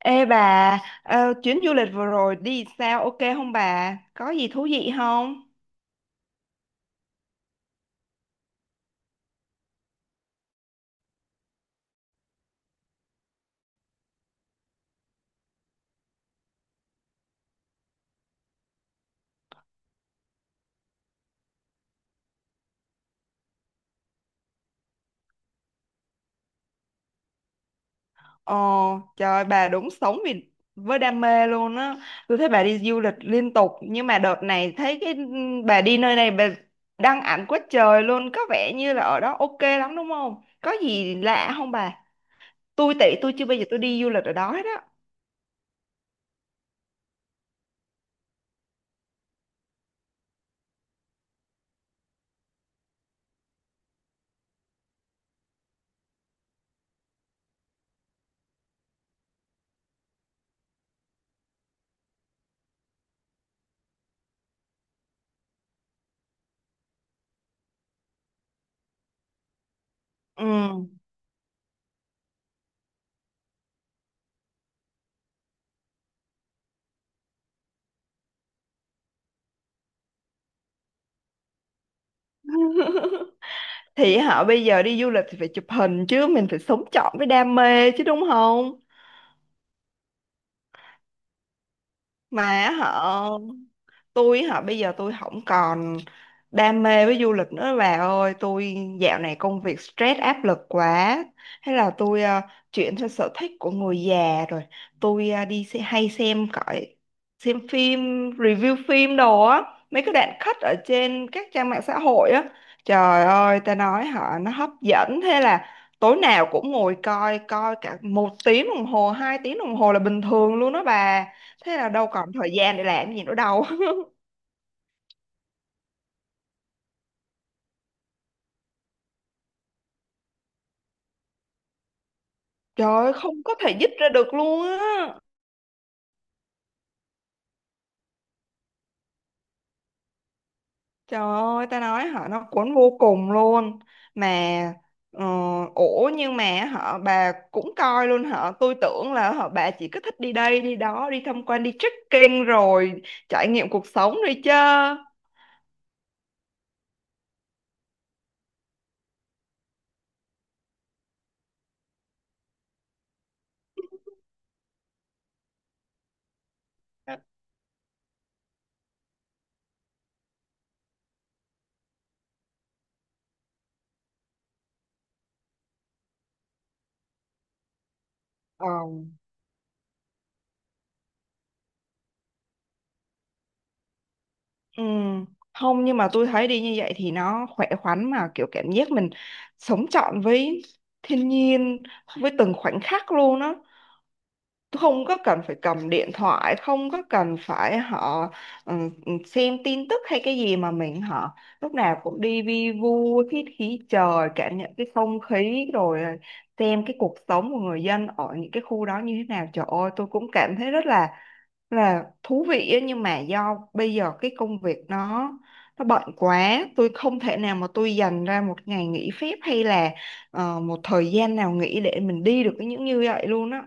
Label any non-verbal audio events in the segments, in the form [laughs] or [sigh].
Ê bà, chuyến du lịch vừa rồi đi sao ok không bà? Có gì thú vị không? Ồ, trời bà đúng sống vì với đam mê luôn á. Tôi thấy bà đi du lịch liên tục nhưng mà đợt này thấy cái bà đi nơi này bà đăng ảnh quá trời luôn, có vẻ như là ở đó ok lắm đúng không? Có gì lạ không bà? Tôi tị, tôi chưa bao giờ tôi đi du lịch ở đó hết á. Ừ. [laughs] Thì họ bây giờ đi du lịch thì phải chụp hình chứ mình phải sống trọn với đam mê chứ đúng không? Mà á họ tôi họ bây giờ tôi không còn đam mê với du lịch nữa bà ơi, tôi dạo này công việc stress áp lực quá, thế là tôi chuyển theo sở thích của người già rồi. Tôi đi xe, hay xem cõi, xem phim, review phim đồ á, mấy cái đoạn cut ở trên các trang mạng xã hội á. Trời ơi ta nói họ nó hấp dẫn, thế là tối nào cũng ngồi coi, coi cả một tiếng đồng hồ, hai tiếng đồng hồ là bình thường luôn đó bà. Thế là đâu còn thời gian để làm gì nữa đâu. [laughs] Trời ơi không có thể dứt ra được luôn á. Trời ơi ta nói họ nó cuốn vô cùng luôn. Mà ờ, ủa nhưng mà họ bà cũng coi luôn, họ tôi tưởng là họ bà chỉ có thích đi đây đi đó, đi tham quan, đi trekking rồi trải nghiệm cuộc sống rồi chứ. Ờ. Ừ. Không, nhưng mà tôi thấy đi như vậy thì nó khỏe khoắn, mà kiểu cảm giác mình sống trọn với thiên nhiên, với từng khoảnh khắc luôn á, không có cần phải cầm điện thoại, không có cần phải họ ừ, xem tin tức hay cái gì mà mình họ lúc nào cũng đi vi vu, hít khí trời, cảm nhận cái không khí, rồi xem cái cuộc sống của người dân ở những cái khu đó như thế nào. Trời ơi tôi cũng cảm thấy rất là thú vị ấy, nhưng mà do bây giờ cái công việc nó bận quá, tôi không thể nào mà tôi dành ra một ngày nghỉ phép hay là một thời gian nào nghỉ để mình đi được cái những như vậy luôn á.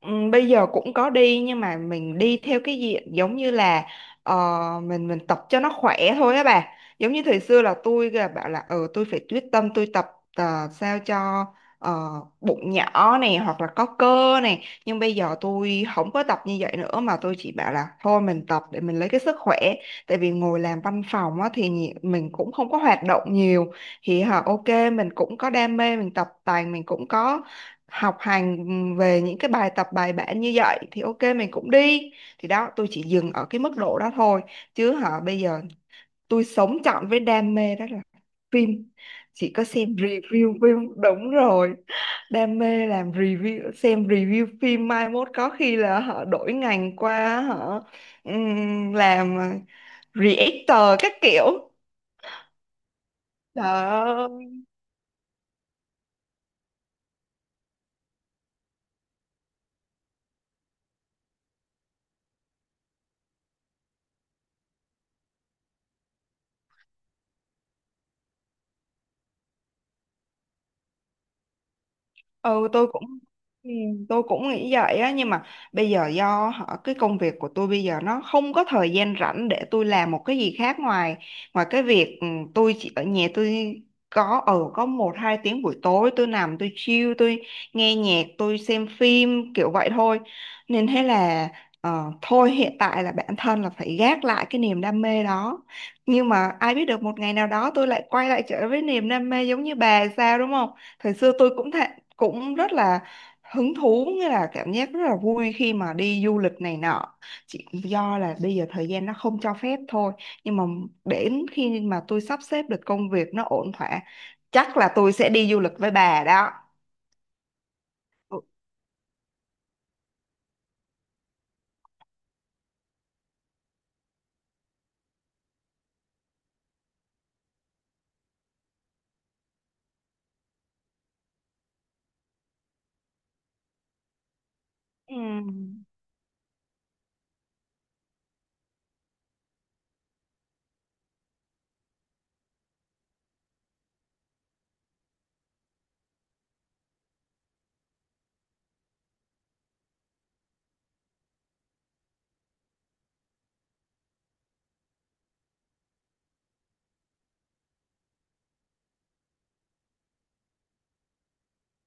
Ừ, bây giờ cũng có đi nhưng mà mình đi theo cái diện giống như là ờ, mình tập cho nó khỏe thôi á bà, giống như thời xưa là tôi là bảo là ờ tôi phải quyết tâm tôi tập sao cho ờ, bụng nhỏ này hoặc là có cơ này, nhưng bây giờ tôi không có tập như vậy nữa mà tôi chỉ bảo là thôi mình tập để mình lấy cái sức khỏe, tại vì ngồi làm văn phòng á, thì mình cũng không có hoạt động nhiều, thì hả ok mình cũng có đam mê, mình tập tành mình cũng có học hành về những cái bài tập bài bản, như vậy thì ok mình cũng đi. Thì đó tôi chỉ dừng ở cái mức độ đó thôi, chứ hả bây giờ tôi sống trọn với đam mê đó là phim. Chỉ có xem review phim, đúng rồi, đam mê làm review, xem review phim, mai mốt có khi là họ đổi ngành qua họ làm reactor các kiểu đó. Ừ tôi cũng ừ, tôi cũng nghĩ vậy á, nhưng mà bây giờ do họ cái công việc của tôi bây giờ nó không có thời gian rảnh để tôi làm một cái gì khác ngoài ngoài cái việc tôi chỉ ở nhà tôi có ở có một hai tiếng buổi tối tôi nằm tôi chill, tôi nghe nhạc tôi xem phim kiểu vậy thôi, nên thế là thôi hiện tại là bản thân là phải gác lại cái niềm đam mê đó, nhưng mà ai biết được một ngày nào đó tôi lại quay lại trở với niềm đam mê giống như bà sao, đúng không? Thời xưa tôi cũng thế, cũng rất là hứng thú, nghĩa là cảm giác rất là vui khi mà đi du lịch này nọ, chỉ do là bây giờ thời gian nó không cho phép thôi, nhưng mà đến khi mà tôi sắp xếp được công việc nó ổn thỏa, chắc là tôi sẽ đi du lịch với bà đó. Ừ. ừ,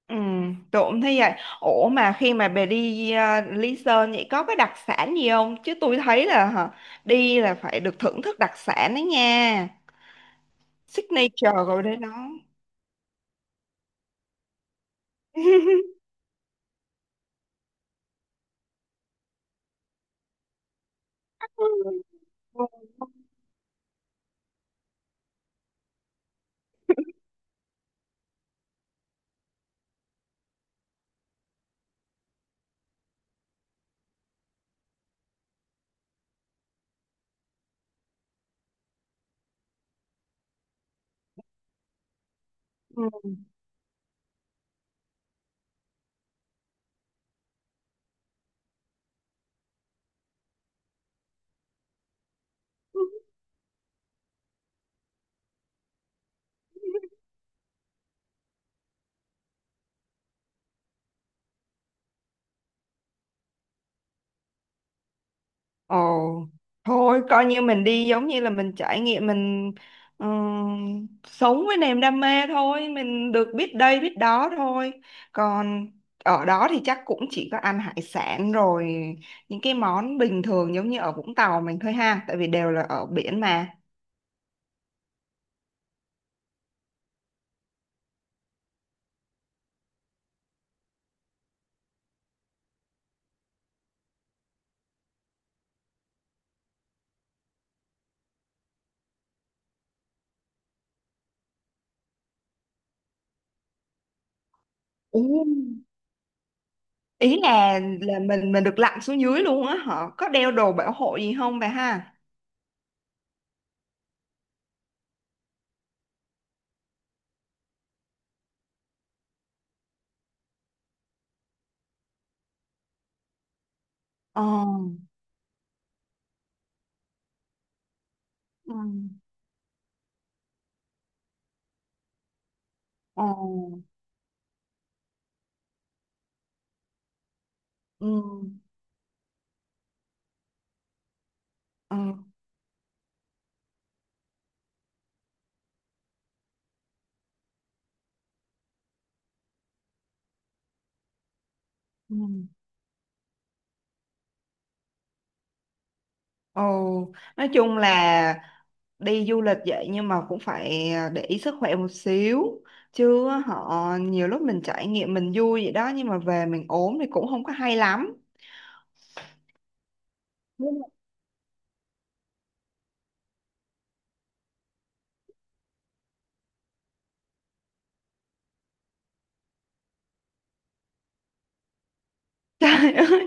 ừ, tôi cũng thấy vậy. Ủa mà khi mà bà đi Lý Sơn vậy có cái đặc sản gì không? Chứ tôi thấy là hả, đi là phải được thưởng thức đặc sản đấy nha, signature rồi đấy nó. [laughs] Ừ. Ừ. Ồ, thôi coi như mình đi giống như là mình trải nghiệm, mình sống với niềm đam mê thôi, mình được biết đây biết đó thôi. Còn ở đó thì chắc cũng chỉ có ăn hải sản rồi những cái món bình thường giống như ở Vũng Tàu mình thôi ha, tại vì đều là ở biển mà. Ừ. Ý là mình được lặn xuống dưới luôn á, họ có đeo đồ bảo hộ gì không bà ha? Ờ. Ừ. Ờ. Ừ. Ừ. Ừ. Ồ, nói chung là đi du lịch vậy nhưng mà cũng phải à, để ý sức khỏe một xíu, chứ họ nhiều lúc mình trải nghiệm mình vui vậy đó nhưng mà về mình ốm thì cũng không có hay lắm. Đúng rồi. [laughs]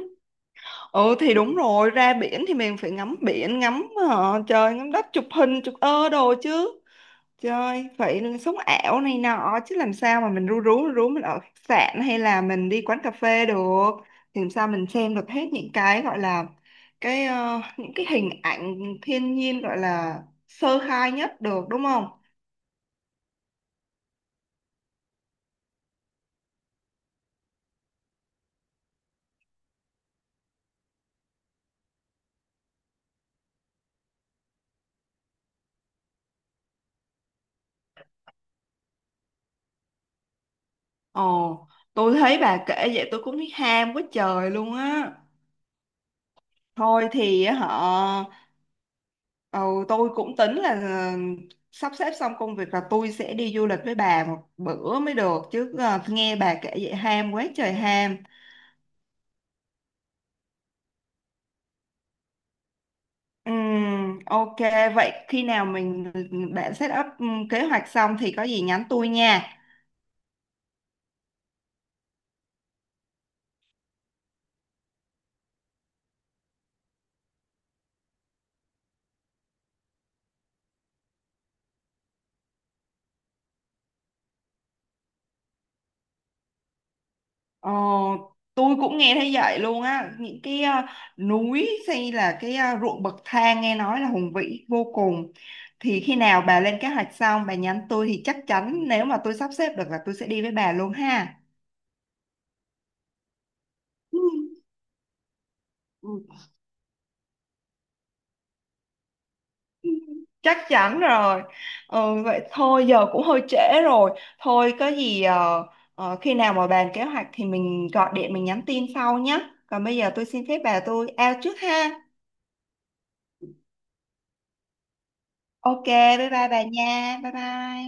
Ừ thì đúng rồi, ra biển thì mình phải ngắm biển, ngắm trời ngắm đất, chụp hình chụp ơ đồ chứ, chơi vậy là sống ảo này nọ, chứ làm sao mà mình ru rú mình ở khách sạn hay là mình đi quán cà phê được, thì làm sao mình xem được hết những cái gọi là cái những cái hình ảnh thiên nhiên gọi là sơ khai nhất được, đúng không? Ồ, tôi thấy bà kể vậy tôi cũng thấy ham quá trời luôn á. Thôi thì á họ ừ, tôi cũng tính là sắp xếp xong công việc là tôi sẽ đi du lịch với bà một bữa mới được chứ, ờ, nghe bà kể vậy ham quá trời ham. Ok, vậy khi nào mình bạn set up kế hoạch xong thì có gì nhắn tôi nha. Ờ, tôi cũng nghe thấy vậy luôn á, những cái núi hay là cái ruộng bậc thang nghe nói là hùng vĩ vô cùng. Thì khi nào bà lên kế hoạch xong bà nhắn tôi thì chắc chắn nếu mà tôi sắp xếp được là tôi sẽ đi với bà luôn ha. Ừ. ừ, ừ, chắc chắn rồi. Ừ, vậy thôi giờ cũng hơi trễ rồi, thôi có gì khi nào mà bàn kế hoạch thì mình gọi điện mình nhắn tin sau nhé, còn bây giờ tôi xin phép bà tôi out trước ha. Ok, bye bye bà nha, bye bye.